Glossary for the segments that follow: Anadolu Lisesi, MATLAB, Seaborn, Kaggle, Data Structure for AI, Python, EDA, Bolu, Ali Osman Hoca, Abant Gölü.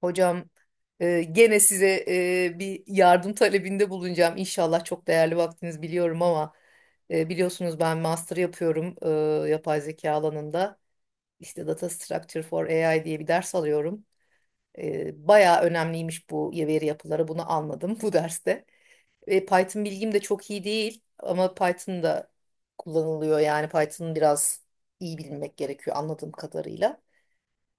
Hocam gene size bir yardım talebinde bulunacağım. İnşallah çok değerli vaktiniz biliyorum ama biliyorsunuz ben master yapıyorum yapay zeka alanında. İşte Data Structure for AI diye bir ders alıyorum. Bayağı önemliymiş bu veri yapıları. Bunu anladım bu derste. Python bilgim de çok iyi değil ama Python da kullanılıyor. Yani Python biraz iyi bilmek gerekiyor anladığım kadarıyla.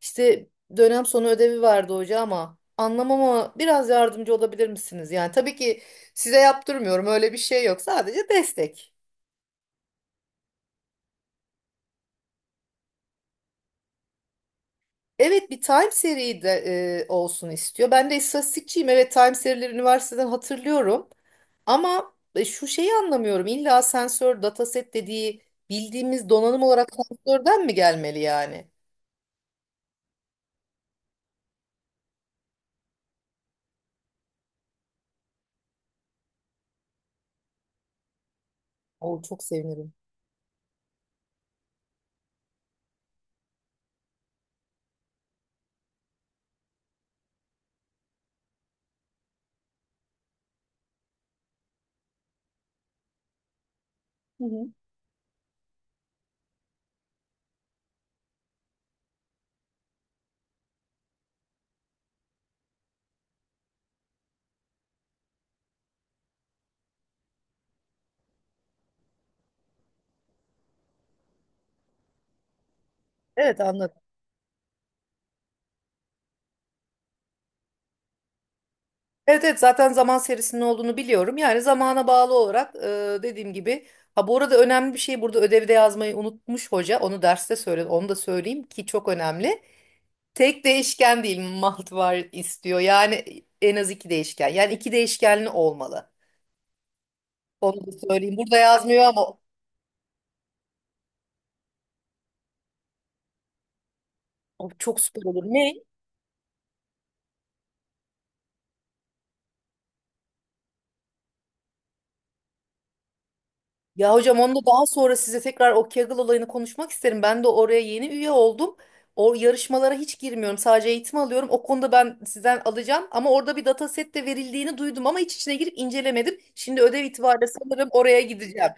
İşte dönem sonu ödevi vardı hoca ama anlamama biraz yardımcı olabilir misiniz? Yani tabii ki size yaptırmıyorum, öyle bir şey yok, sadece destek. Evet, bir time seri de olsun istiyor. Ben de istatistikçiyim, evet time serileri üniversiteden hatırlıyorum. Ama şu şeyi anlamıyorum, illa sensör dataset dediği bildiğimiz donanım olarak sensörden mi gelmeli yani? Oo, çok sevinirim. Hı hı. Evet, anladım. Evet evet, zaten zaman serisinin olduğunu biliyorum. Yani zamana bağlı olarak dediğim gibi. Ha, bu arada önemli bir şey, burada ödevde yazmayı unutmuş hoca. Onu derste söyle, onu da söyleyeyim ki çok önemli. Tek değişken değil, multivar istiyor. Yani en az iki değişken. Yani iki değişkenli olmalı. Onu da söyleyeyim. Burada yazmıyor ama o çok süper olur. Ne? Ya hocam, onu da daha sonra size tekrar o Kaggle olayını konuşmak isterim. Ben de oraya yeni üye oldum. O yarışmalara hiç girmiyorum. Sadece eğitim alıyorum. O konuda ben sizden alacağım. Ama orada bir dataset de verildiğini duydum ama hiç içine girip incelemedim. Şimdi ödev itibariyle sanırım oraya gideceğim.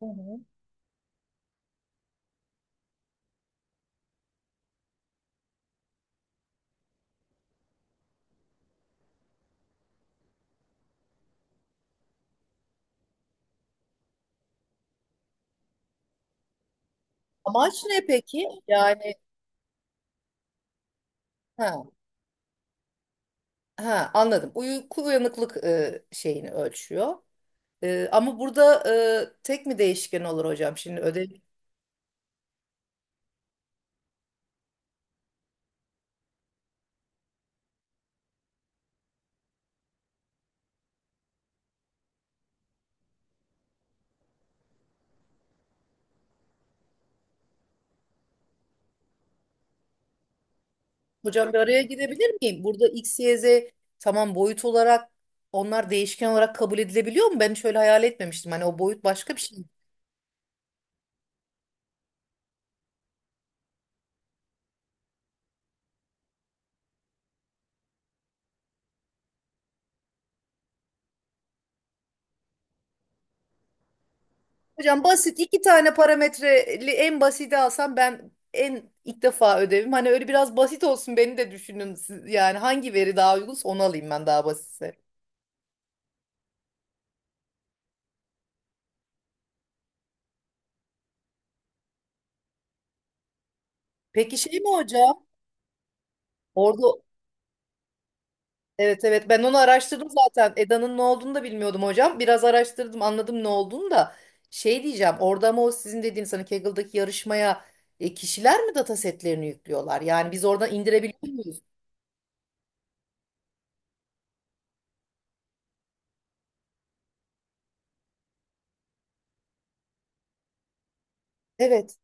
Hı hı. Amaç ne peki? Ha, ha, anladım. Uyku uyanıklık şeyini ölçüyor. Ama burada tek mi değişken olur hocam? Şimdi ödev. Hocam, bir araya girebilir miyim? Burada X, Y, Z, tamam boyut olarak onlar değişken olarak kabul edilebiliyor mu? Ben şöyle hayal etmemiştim. Hani o boyut başka bir şey. Hocam, basit iki tane parametreli en basiti alsam, ben en ilk defa ödevim. Hani öyle biraz basit olsun, beni de düşünün. Siz- yani hangi veri daha uygunsa onu alayım, ben daha basitse. Peki şey mi hocam? Orada. Evet evet, ben onu araştırdım zaten. Eda'nın ne olduğunu da bilmiyordum hocam. Biraz araştırdım, anladım ne olduğunu da. Şey diyeceğim, orada ama o sizin dediğiniz hani Kaggle'daki yarışmaya kişiler mi data setlerini yüklüyorlar? Yani biz oradan indirebiliyor muyuz? Evet.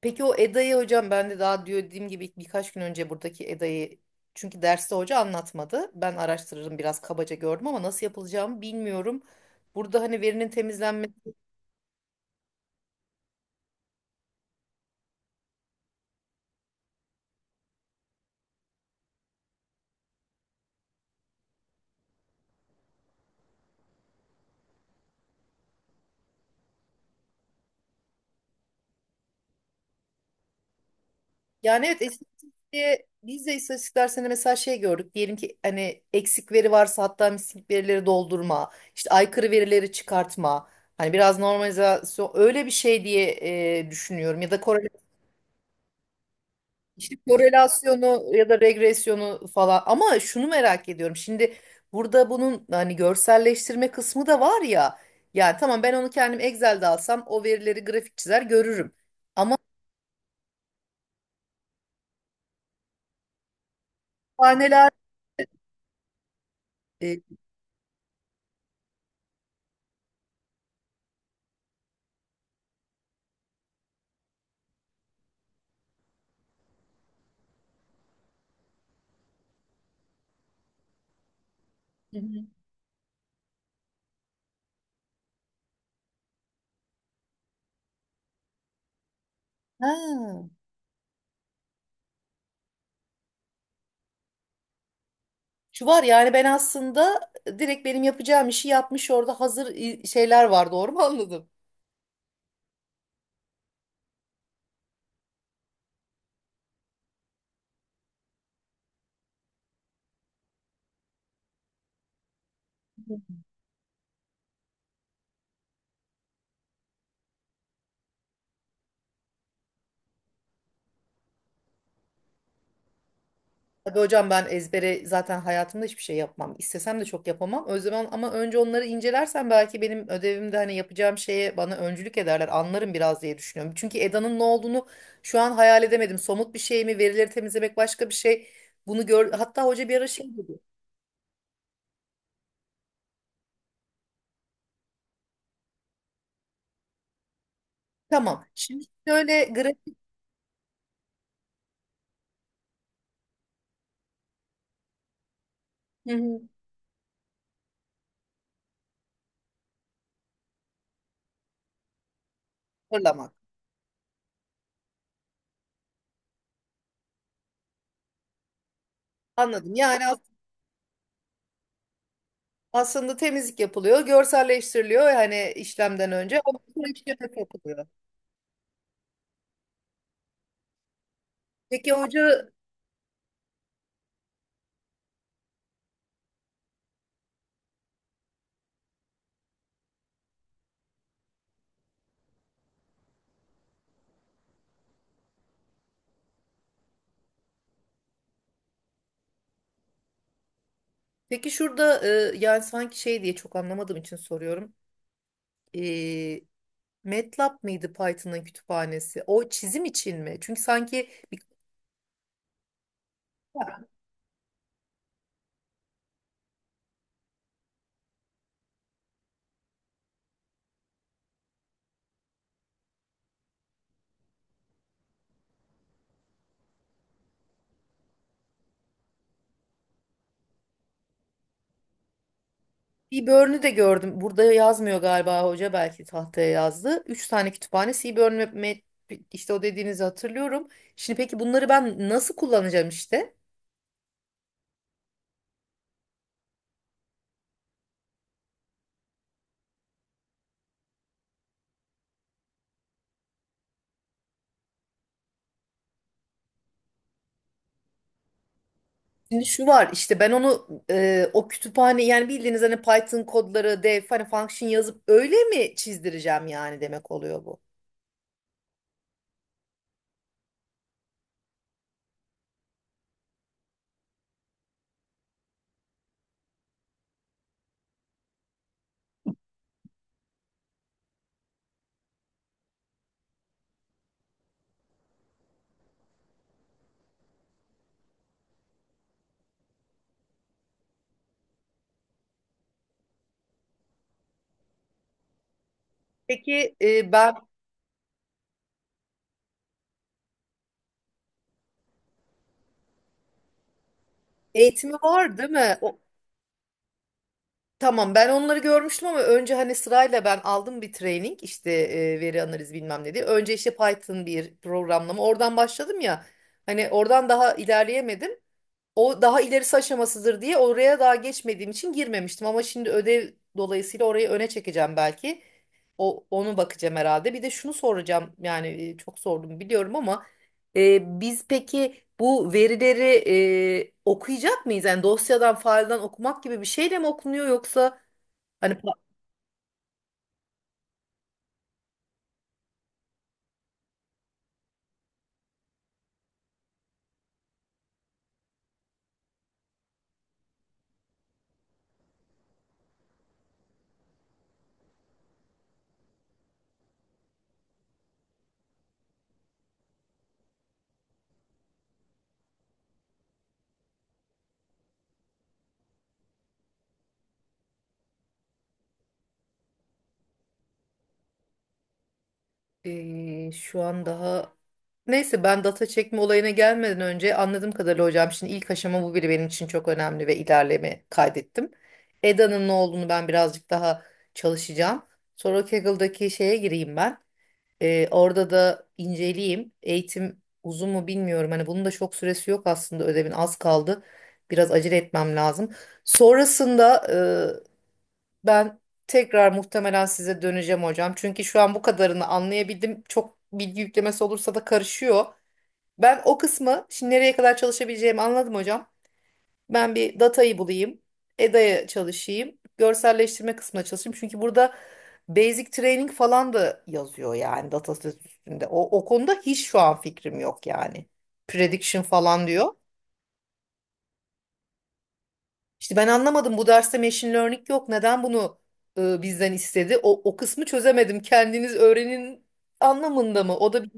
Peki o Eda'yı hocam ben de daha diyor, dediğim gibi birkaç gün önce buradaki Eda'yı, çünkü derste hoca anlatmadı. Ben araştırırım, biraz kabaca gördüm ama nasıl yapılacağımı bilmiyorum. Burada hani verinin temizlenmesi. Yani evet, istatistik diye biz de istatistik dersinde mesela şey gördük. Diyelim ki hani eksik veri varsa, hatta mislik verileri doldurma, işte aykırı verileri çıkartma. Hani biraz normalizasyon, öyle bir şey diye düşünüyorum. Ya da korela, işte korelasyonu ya da regresyonu falan. Ama şunu merak ediyorum. Şimdi burada bunun hani görselleştirme kısmı da var ya. Yani tamam, ben onu kendim Excel'de alsam o verileri grafik çizer görürüm. Ama kütüphaneler... E, Hı hı. Ha. Şu var, yani ben aslında direkt benim yapacağım işi yapmış orada hazır i- şeyler var, doğru mu anladım? Tabii hocam, ben ezbere zaten hayatımda hiçbir şey yapmam. İstesem de çok yapamam. O zaman ama önce onları incelersen belki benim ödevimde hani yapacağım şeye bana öncülük ederler. Anlarım biraz diye düşünüyorum. Çünkü EDA'nın ne olduğunu şu an hayal edemedim. Somut bir şey mi? Verileri temizlemek başka bir şey. Bunu gör. Hatta hoca bir ara şey dedi. Tamam. Şimdi şöyle grafik. Hı hı. Hazırlamak. Anladım. Yani aslında temizlik yapılıyor, görselleştiriliyor hani işlemden önce, ama sonra işleme katılıyor. Peki hoca, peki şurada yani sanki şey diye çok anlamadığım için soruyorum. E, MATLAB mıydı Python'ın kütüphanesi? O çizim için mi? Çünkü sanki bir, bir börnü de gördüm. Burada yazmıyor galiba hoca, belki tahtaya yazdı. Üç tane kütüphane Seaborn ve Mat- işte o dediğinizi hatırlıyorum. Şimdi peki bunları ben nasıl kullanacağım işte? Şimdi şu var işte, ben onu o kütüphane yani bildiğiniz hani Python kodları def hani function yazıp öyle mi çizdireceğim, yani demek oluyor bu. Peki ben eğitimi var değil mi? O, tamam ben onları görmüştüm ama önce hani sırayla ben aldım bir training işte veri analiz bilmem ne diye. Önce işte Python bir programlama oradan başladım ya, hani oradan daha ilerleyemedim. O daha ilerisi aşamasıdır diye oraya daha geçmediğim için girmemiştim ama şimdi ödev dolayısıyla orayı öne çekeceğim belki. O, onu bakacağım herhalde. Bir de şunu soracağım. Yani çok sordum biliyorum ama biz peki bu verileri okuyacak mıyız? Yani dosyadan, failden okumak gibi bir şeyle mi okunuyor, yoksa hani pa- şu an daha, neyse ben data çekme olayına gelmeden önce anladığım kadarıyla hocam, şimdi ilk aşama bu biri benim için çok önemli ve ilerleme kaydettim. EDA'nın ne olduğunu ben birazcık daha çalışacağım. Sonra Kaggle'daki şeye gireyim ben. Orada da inceleyeyim. Eğitim uzun mu bilmiyorum. Hani bunun da çok süresi yok aslında, ödevin az kaldı. Biraz acele etmem lazım. Sonrasında ben tekrar muhtemelen size döneceğim hocam. Çünkü şu an bu kadarını anlayabildim. Çok bilgi yüklemesi olursa da karışıyor. Ben o kısmı şimdi nereye kadar çalışabileceğimi anladım hocam. Ben bir datayı bulayım. EDA'ya çalışayım. Görselleştirme kısmına çalışayım. Çünkü burada basic training falan da yazıyor yani dataset üstünde. O, o konuda hiç şu an fikrim yok yani. Prediction falan diyor. İşte ben anlamadım, bu derste machine learning yok. Neden bunu bizden istedi? O, o kısmı çözemedim. Kendiniz öğrenin anlamında mı? O da bir-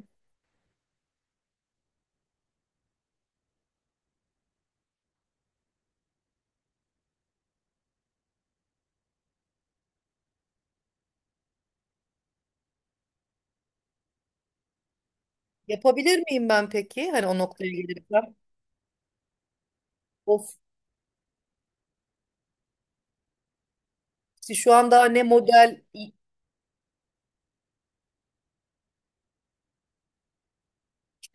yapabilir miyim ben peki? Hani o noktaya gelirsem. Of, işte şu an daha ne model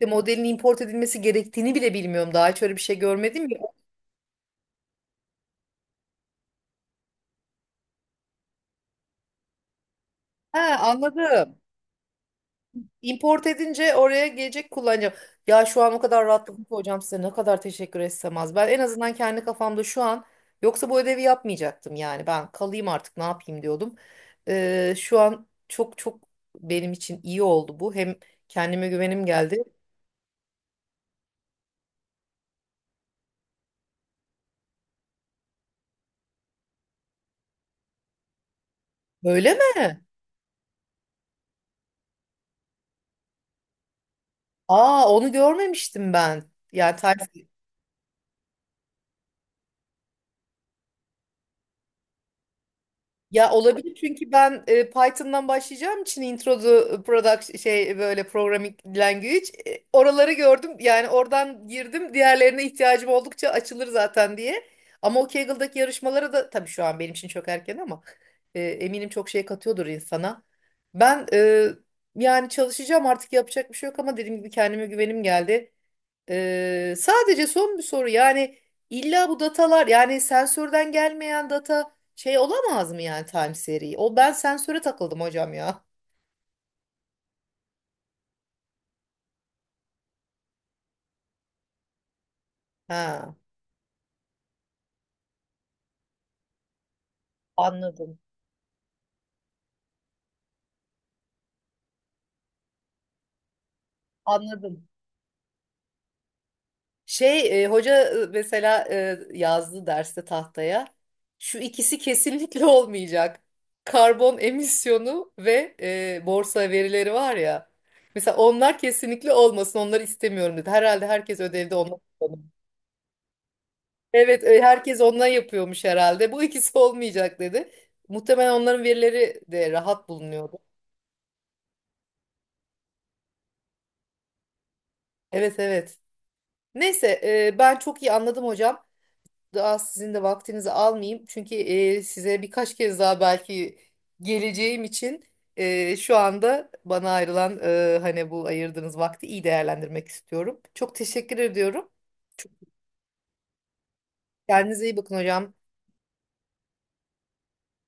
de modelin import edilmesi gerektiğini bile bilmiyorum. Daha hiç öyle bir şey görmedim ya. Ha anladım. Import edince oraya gelecek, kullanacağım. Ya şu an o kadar rahatladım ki hocam, size ne kadar teşekkür etsem az. Ben en azından kendi kafamda şu an, yoksa bu ödevi yapmayacaktım yani. Ben kalayım artık, ne yapayım diyordum. Şu an çok çok benim için iyi oldu bu. Hem kendime güvenim geldi. Öyle mi? Aa, onu görmemiştim ben. Yani ters. Ya olabilir, çünkü ben Python'dan başlayacağım için intro to product şey böyle programming language oraları gördüm. Yani oradan girdim. Diğerlerine ihtiyacım oldukça açılır zaten diye. Ama o Kaggle'daki yarışmalara da tabii şu an benim için çok erken ama eminim çok şey katıyordur insana. Ben e, Yani çalışacağım artık, yapacak bir şey yok ama dediğim gibi kendime güvenim geldi. Sadece son bir soru, yani illa bu datalar yani sensörden gelmeyen data şey olamaz mı yani time seri? O ben sensöre takıldım hocam ya. Ha, anladım. Anladım. Hoca mesela yazdı derste tahtaya. Şu ikisi kesinlikle olmayacak. Karbon emisyonu ve borsa verileri var ya. Mesela onlar kesinlikle olmasın, onları istemiyorum dedi. Herhalde herkes ödevde onları. Evet, herkes ondan yapıyormuş herhalde. Bu ikisi olmayacak dedi. Muhtemelen onların verileri de rahat bulunuyordu. Evet, evet. Neyse, ben çok iyi anladım hocam. Daha sizin de vaktinizi almayayım. Çünkü size birkaç kez daha belki geleceğim için şu anda bana ayrılan hani bu ayırdığınız vakti iyi değerlendirmek istiyorum. Çok teşekkür ediyorum. Çok- Kendinize iyi bakın hocam.